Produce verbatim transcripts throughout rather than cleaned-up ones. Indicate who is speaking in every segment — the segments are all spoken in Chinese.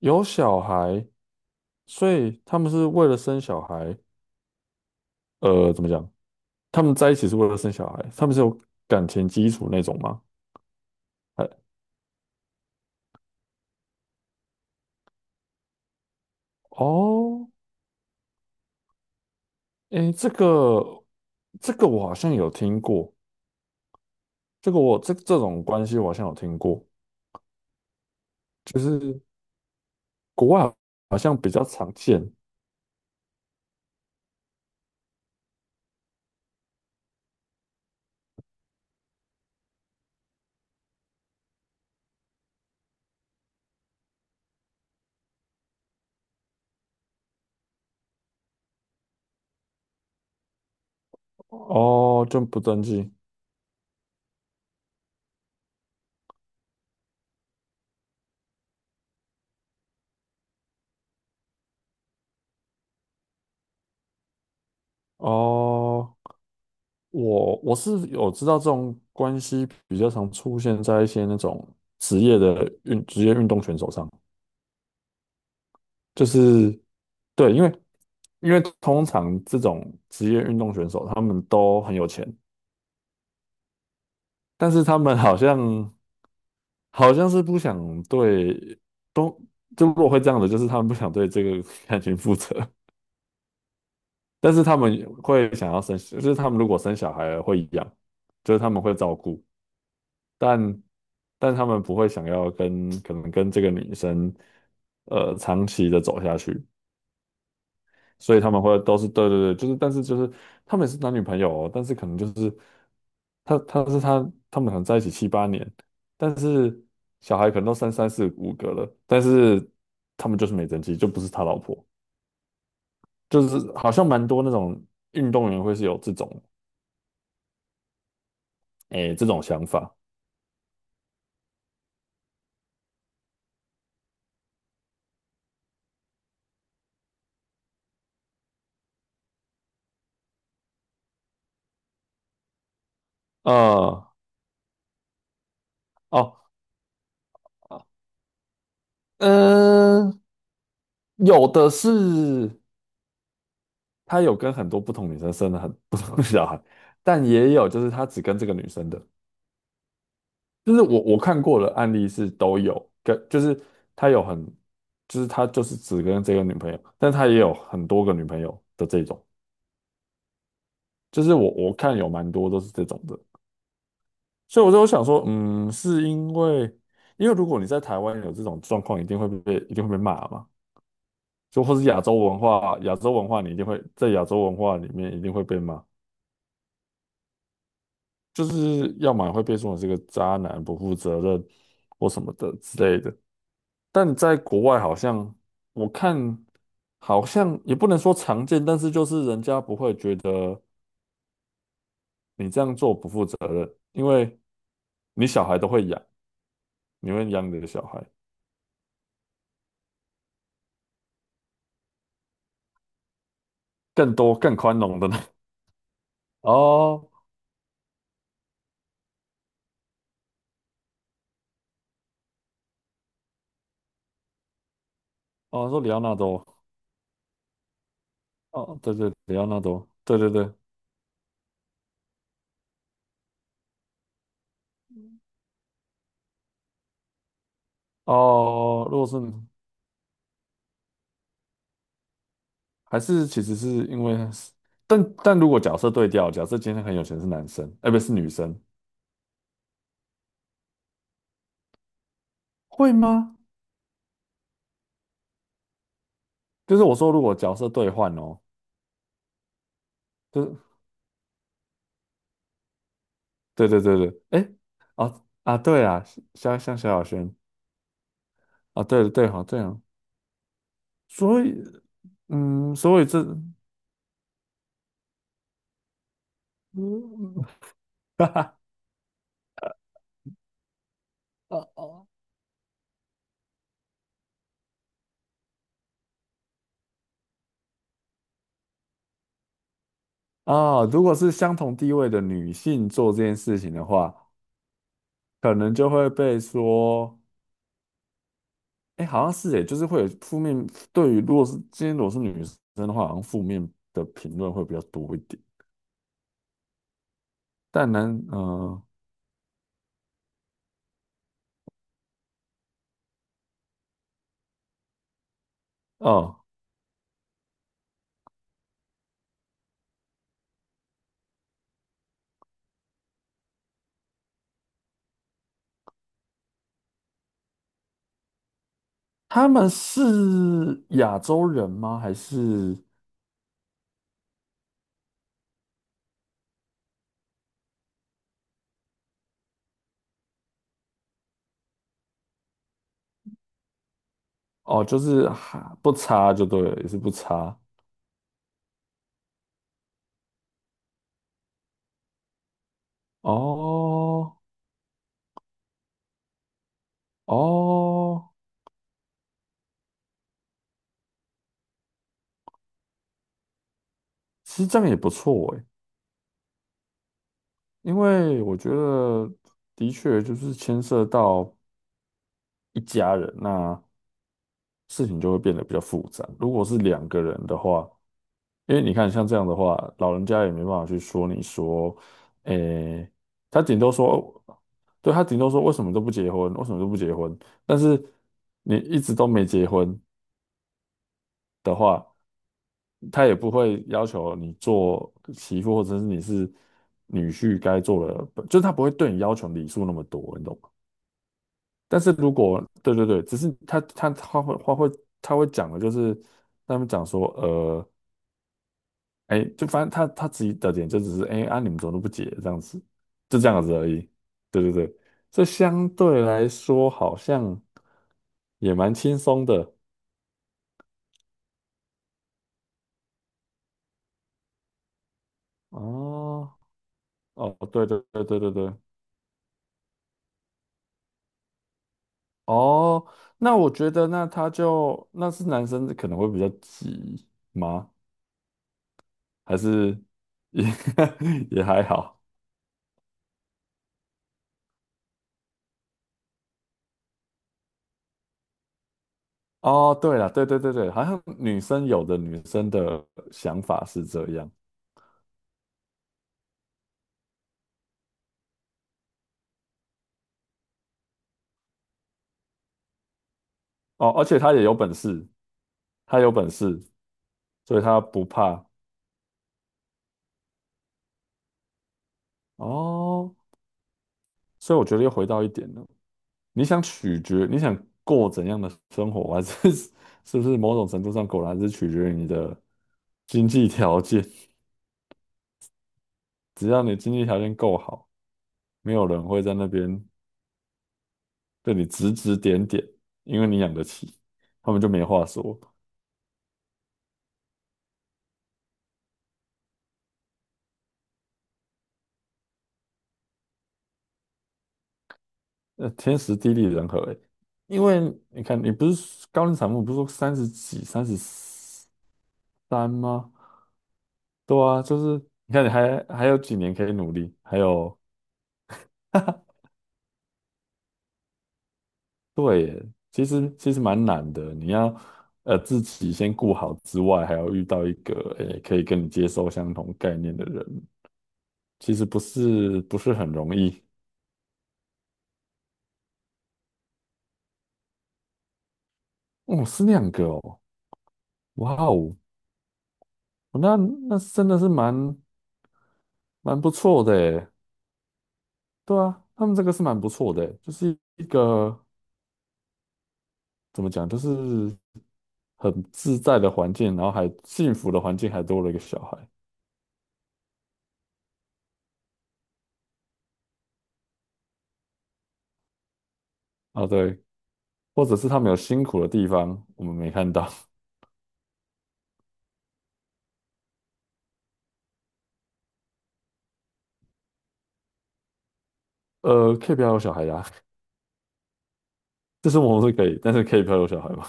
Speaker 1: 有小孩，所以他们是为了生小孩。呃，怎么讲？他们在一起是为了生小孩，他们是有感情基础那种吗？哎。哦。哎，这个，这个我好像有听过。这个我这这种关系我好像有听过。就是国外好像比较常见。哦，就不登记。哦。我我是有知道这种关系比较常出现在一些那种职业的运职业运动选手上。就是对，因为因为通常这种职业运动选手他们都很有钱。但是他们好像好像是不想对都就如果会这样的，就是他们不想对这个 感情负责。但是他们会想要生，就是他们如果生小孩了会养，就是他们会照顾。但但他们不会想要跟可能跟这个女生呃长期的走下去。所以他们会都是，对对对，就是但是就是他们也是男女朋友哦。但是可能就是他他是他他们可能在一起七八年。但是小孩可能都三三四五个了。但是他们就是没登记，就不是他老婆。就是好像蛮多那种运动员会是有这种诶这种想法。啊。哦。嗯、呃有的是他有跟很多不同女生生了很不同的小孩。但也有就是他只跟这个女生的。就是我我看过的案例是都有，跟就是他有很，就是他就是只跟这个女朋友，但他也有很多个女朋友的这种。就是我我看有蛮多都是这种的。所以我就想说，嗯，是因为因为如果你在台湾有这种状况，一定会被一定会被骂嘛。就或是亚洲文化，亚洲文化你一定会在亚洲文化里面一定会被骂。就是要么会被说成是个渣男、不负责任或什么的之类的。但在国外好像我看好像也不能说常见，但是就是人家不会觉得你这样做不负责任，因为你小孩都会养，你会养你的小孩更多更宽容的呢。哦哦，说里奥纳多。哦对对，里奥纳多，对对对。哦，如果是你还是其实是因为但但如果角色对调，假设今天很有钱是男生，哎、不是女生。会吗？就是我说如果角色兑换哦。就是对对对对，哎、啊啊对啊。像像萧亚轩。啊，对对好对啊。所以嗯，所以这嗯，哈哈。哦哦。啊，如果是相同地位的女性做这件事情的话，可能就会被说。哎，好像是。哎，就是会有负面。对于如果是今天如果是女生的话，好像负面的评论会比较多一点。但男，嗯、呃哦。他们是亚洲人吗？还是哦，就是哈不差就对了，也是不差。哦。哦。其实这样也不错哎。因为我觉得的确就是牵涉到一家人，那事情就会变得比较复杂。如果是两个人的话，因为你看，像这样的话，老人家也没办法去说你说，诶。他顶多说，对，他顶多说，为什么都不结婚，为什么都不结婚？但是你一直都没结婚，他也不会要求你做媳妇或者是你是女婿该做的。就是他不会对你要求礼数那么多，你懂吗？但是如果对对对，只是他他他会他会他会讲的。就是他们讲说，呃。哎，就反正他他自己的点就只是哎啊，你们怎么都不解这样子。就这样子而已。对对对。这相对来说好像也蛮轻松的。哦哦，对对对对对对。哦，那我觉得那他就那是男生可能会比较急吗？还是也 也还好？哦，对了，对对对对，好像女生有的女生的想法是这样。哦，而且她也有本事。她有本事。所以他不怕。哦。所以我觉得又回到一点了，你想取决，你想过怎样的生活，还是 是不是某种程度上果然是取决于你的经济条件。只要你经济条件够好，没有人会在那边对你指指点点，因为你养得起，他们就没话说。呃，天时地利人和，欸。因为你看，你不是高龄产妇，不是说三十几、三十三吗？对啊，就是你看你还还有几年可以努力，还有。对耶，其实其实蛮难的。你要呃自己先顾好之外，还要遇到一个诶可以跟你接受相同概念的人。其实不是不是很容易。哦，是那样个哦。哇哦。那那真的是蛮蛮不错的耶。对啊，他们这个是蛮不错的耶，就是一个怎么讲，就是很自在的环境，然后还幸福的环境，还多了一个小孩。啊，对，或者是他们有辛苦的地方，我们没看到。呃，可以不要有小孩呀、这是我们是可以，但是可以不要有小孩吗？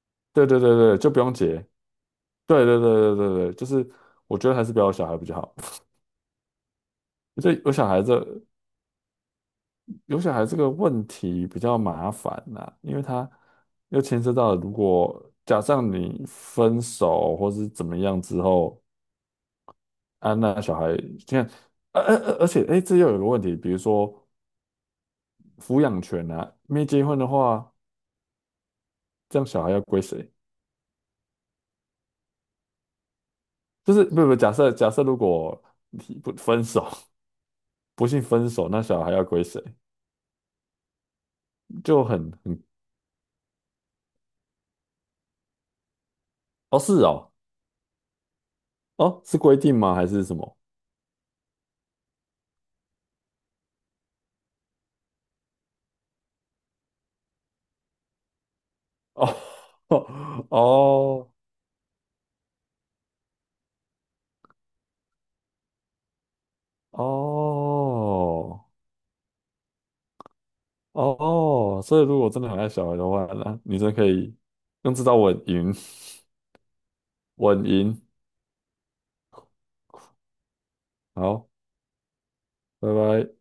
Speaker 1: 对对对对，就不用结。对对对对对对，就是我觉得还是不要有小孩比较好。这有小孩这有小孩这个问题比较麻烦呐、因为他又牵涉到如果假设你分手或是怎么样之后。啊，那小孩现在。而而而而且哎，诶这又有个问题，比如说抚养权呐，没结婚的话。这样小孩要归谁？就是不不，假设假设如果你不分手。不幸分手，那小孩要归谁？就很很。哦，是哦。哦，是规定吗？还是什么？哦 哦哦哦。哦。所以如果真的很爱小孩的话，那女生可以用这招稳赢，稳赢。好，拜拜。